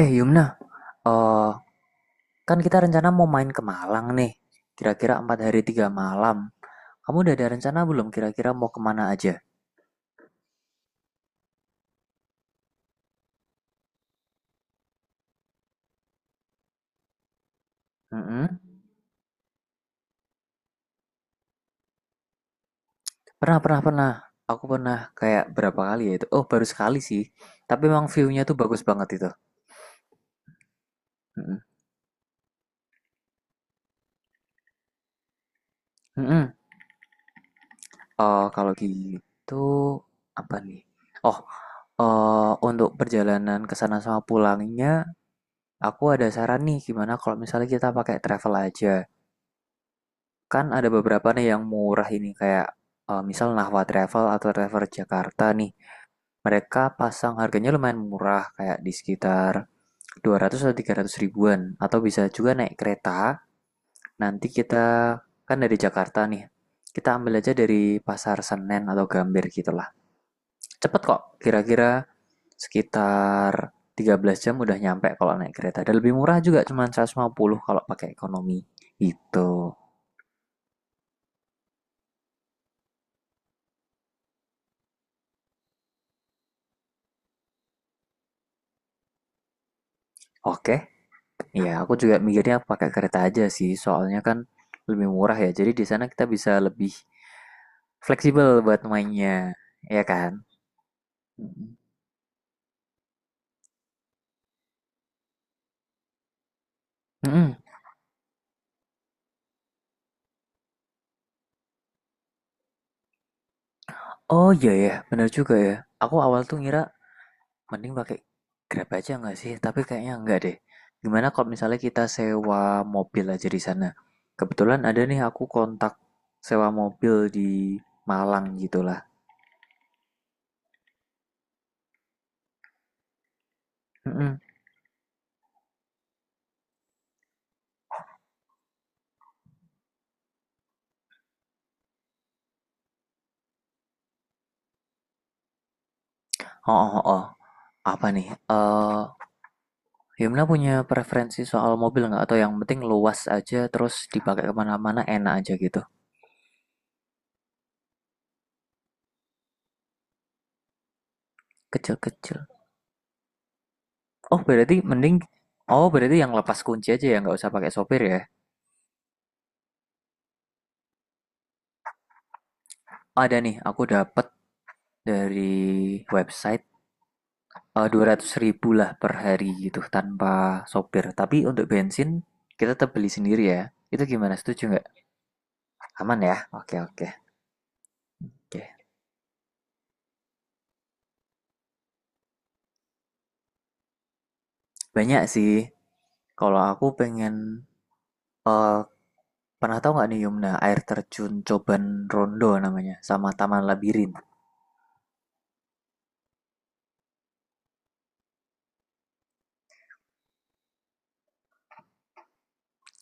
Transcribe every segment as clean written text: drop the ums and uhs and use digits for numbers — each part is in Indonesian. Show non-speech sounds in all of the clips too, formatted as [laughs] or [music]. Eh Yumna, eh, kan kita rencana mau main ke Malang nih, kira-kira 4 hari 3 malam. Kamu udah ada rencana belum kira-kira mau kemana aja? Mm-mm. Pernah, pernah, pernah. Aku pernah kayak berapa kali ya itu? Oh, baru sekali sih. Tapi emang view-nya tuh bagus banget itu. Mm-mm. Mm-mm. Eh, kalau gitu, apa nih? Oh, untuk perjalanan ke sana sama pulangnya, aku ada saran nih gimana kalau misalnya kita pakai travel aja. Kan ada beberapa nih yang murah ini kayak misal Nahwa Travel atau Travel Jakarta nih. Mereka pasang harganya lumayan murah kayak di sekitar 200 atau 300 ribuan atau bisa juga naik kereta. Nanti kita kan dari Jakarta nih. Kita ambil aja dari Pasar Senen atau Gambir gitulah. Cepet kok. Kira-kira sekitar 13 jam udah nyampe kalau naik kereta. Dan lebih murah juga cuma 150 kalau pakai ekonomi. Gitu. Oke. Iya, aku juga mikirnya pakai kereta aja sih, soalnya kan lebih murah ya. Jadi di sana kita bisa lebih fleksibel buat mainnya, ya kan? Mm-mm. Mm-mm. Oh iya ya, bener juga ya. Aku awal tuh ngira mending pakai Grab aja nggak sih? Tapi kayaknya enggak deh. Gimana kalau misalnya kita sewa mobil aja di sana? Kebetulan ada nih aku kontak sewa mobil di Malang gitulah. Mm-mm. Oh, oh, oh. Oh. Apa nih? Eh, Gimana punya preferensi soal mobil nggak? Atau yang penting luas aja terus dipakai kemana-mana enak aja gitu. Kecil-kecil. Oh berarti mending, oh berarti yang lepas kunci aja ya nggak usah pakai sopir ya. Ada nih, aku dapat dari website 200 ribu lah per hari gitu tanpa sopir. Tapi untuk bensin kita tetap beli sendiri ya. Itu gimana? Setuju nggak? Aman ya? Oke oke oke. Banyak sih. Kalau aku pengen eh, Pernah tahu nggak nih Yumna air terjun Coban Rondo namanya sama Taman Labirin?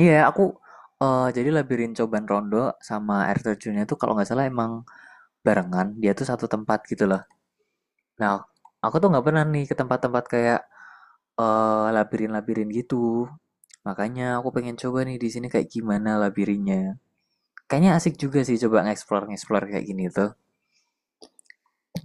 Iya, aku jadi Labirin Coban Rondo sama air terjunnya tuh kalau nggak salah emang barengan, dia tuh satu tempat gitu loh. Nah, aku tuh nggak pernah nih ke tempat-tempat kayak labirin-labirin gitu. Makanya aku pengen coba nih di sini kayak gimana labirinnya. Kayaknya asik juga sih coba nge-explore-nge-explore kayak gini tuh.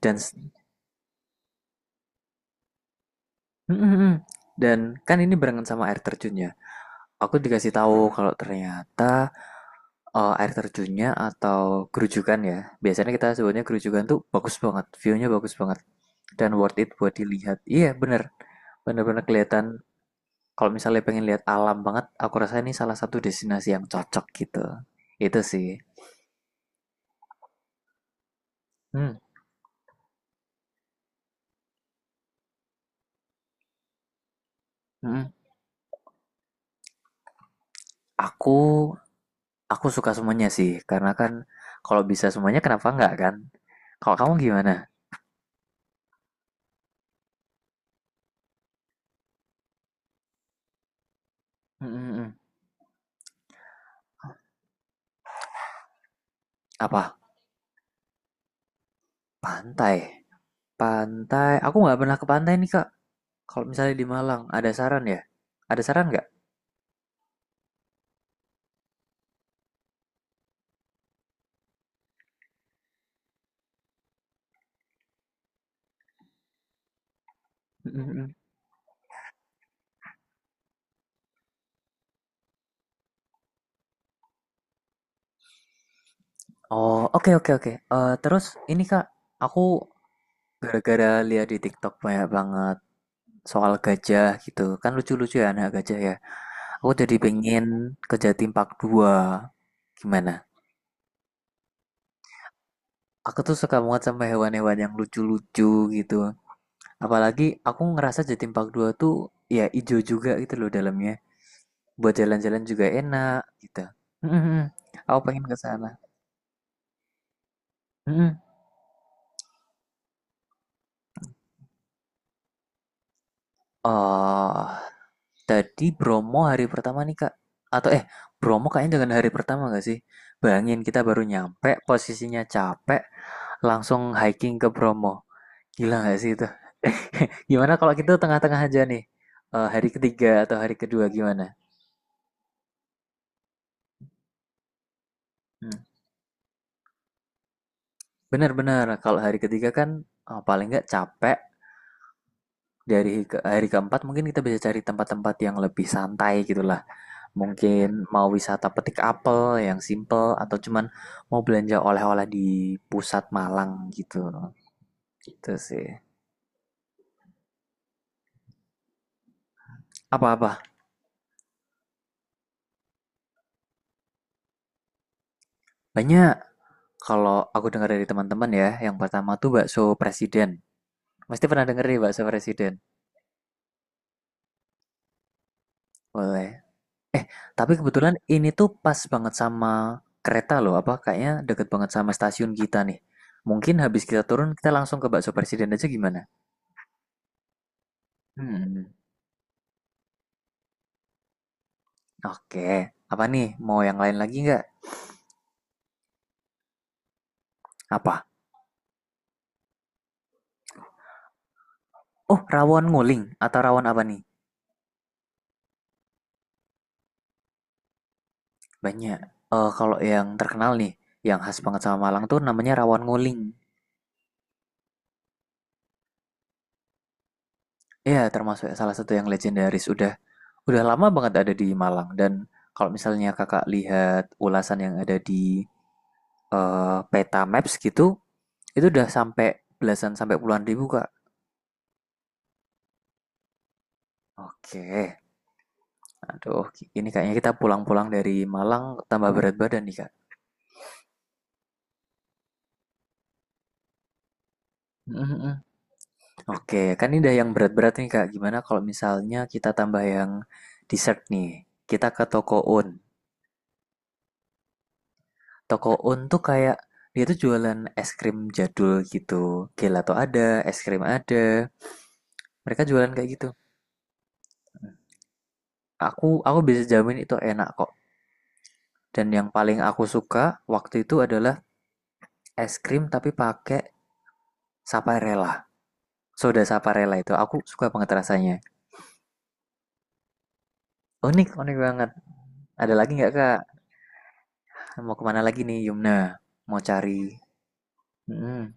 Dan Mm, mm, mm. Dan kan ini barengan sama air terjunnya. Aku dikasih tahu kalau ternyata air terjunnya atau kerujukan ya. Biasanya kita sebutnya kerujukan tuh bagus banget, view-nya bagus banget. Dan worth it buat dilihat. Iya, bener. Bener-bener kelihatan. Kalau misalnya pengen lihat alam banget, aku rasa ini salah satu destinasi yang cocok gitu. Itu sih. Hmm. Mm. Aku aku suka semuanya sih, karena kan kalau bisa semuanya kenapa enggak kan? Kalau kamu gimana? Mm, mm, mm. Apa? Pantai. Pantai. Aku nggak pernah ke pantai nih, Kak. Kalau misalnya di Malang, ada saran ya? Ada saran nggak? Mm, mm, mm. Oh, oke oke oke. Eh, terus ini Kak, aku gara-gara lihat di TikTok banyak banget soal gajah gitu. Kan lucu-lucu ya anak gajah ya. Aku jadi pengen ke Jatim Park 2. Gimana? Aku tuh suka banget sama hewan-hewan yang lucu-lucu gitu. Apalagi aku ngerasa Jatim Park 2 tuh ya ijo juga gitu loh dalamnya. Buat jalan-jalan juga enak gitu. Mm, mm, mm. Aku pengen ke sana. Mm, mm. Oh, tadi Bromo hari pertama nih Kak, atau Bromo kayaknya dengan hari pertama gak sih? Bayangin kita baru nyampe, posisinya capek, langsung hiking ke Bromo. Gila gak sih itu? [laughs] Gimana kalau kita tengah-tengah aja nih? Eh, hari ketiga atau hari kedua gimana? Hmm. Bener benar kalau hari ketiga kan paling nggak capek, dari hari keempat mungkin kita bisa cari tempat-tempat yang lebih santai gitulah. Mungkin mau wisata petik apel yang simple atau cuman mau belanja oleh-oleh di pusat Malang gitu. Gitu sih. Apa-apa? Banyak kalau aku dengar dari teman-teman ya, yang pertama tuh bakso presiden. Pasti pernah denger nih bakso presiden. Boleh. Eh, tapi kebetulan ini tuh pas banget sama kereta loh, apa kayaknya deket banget sama stasiun kita nih. Mungkin habis kita turun kita langsung ke bakso presiden aja gimana? Hmm. Oke. Apa nih? Mau yang lain lagi nggak? Apa? Oh, rawon nguling atau rawon apa nih? Banyak. Kalau yang terkenal nih, yang khas banget sama Malang tuh namanya rawon nguling. Ya, termasuk salah satu yang legendaris. Udah lama banget ada di Malang. Dan kalau misalnya kakak lihat ulasan yang ada di peta maps gitu, itu udah sampai belasan sampai puluhan ribu, Kak. Oke. Aduh, ini kayaknya kita pulang-pulang dari Malang tambah berat badan nih, Kak. Oke, kan ini udah yang berat-berat nih Kak. Gimana kalau misalnya kita tambah yang dessert nih? Kita ke toko Un. Toko Un tuh kayak dia tuh jualan es krim jadul gitu. Gelato ada, es krim ada. Mereka jualan kayak gitu. Aku bisa jamin itu enak kok. Dan yang paling aku suka waktu itu adalah es krim tapi pakai saparella. Soda saparella itu aku suka banget rasanya. Unik, unik banget. Ada lagi nggak Kak? Mau kemana lagi nih Yumna? Mau cari? Mm-mm.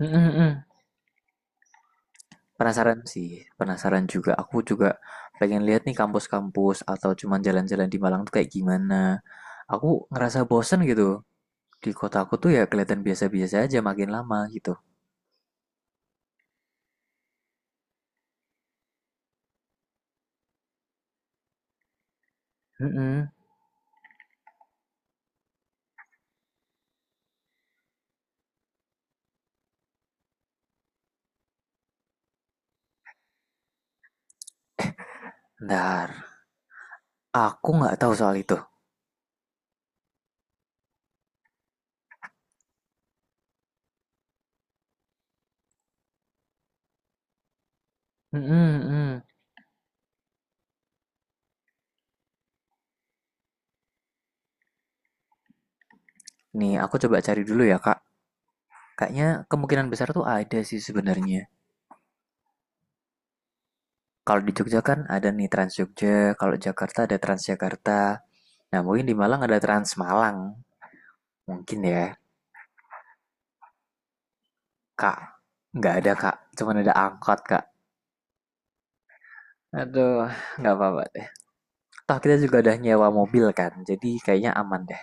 Mm, mm, mm. Penasaran sih, penasaran juga. Aku juga pengen lihat nih kampus-kampus atau cuman jalan-jalan di Malang tuh kayak gimana. Aku ngerasa bosen gitu. Di kota aku tuh ya kelihatan biasa-biasa aja makin lama gitu. Mm-mm. Ntar, aku nggak tahu soal itu. Mm-mm, mm. Nih, aku coba cari dulu ya, Kak. Kayaknya kemungkinan besar tuh ada sih sebenarnya. Kalau di Jogja kan ada nih Trans Jogja, kalau Jakarta ada Transjakarta. Nah, mungkin di Malang ada Trans Malang. Mungkin ya. Kak, nggak ada kak, cuman ada angkot kak. Aduh, nggak apa-apa deh. Toh kita juga udah nyewa mobil kan, jadi kayaknya aman deh.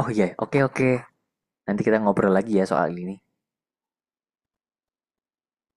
Oh iya, yeah. Oke okay, oke. Okay. Nanti kita ngobrol lagi ya soal ini.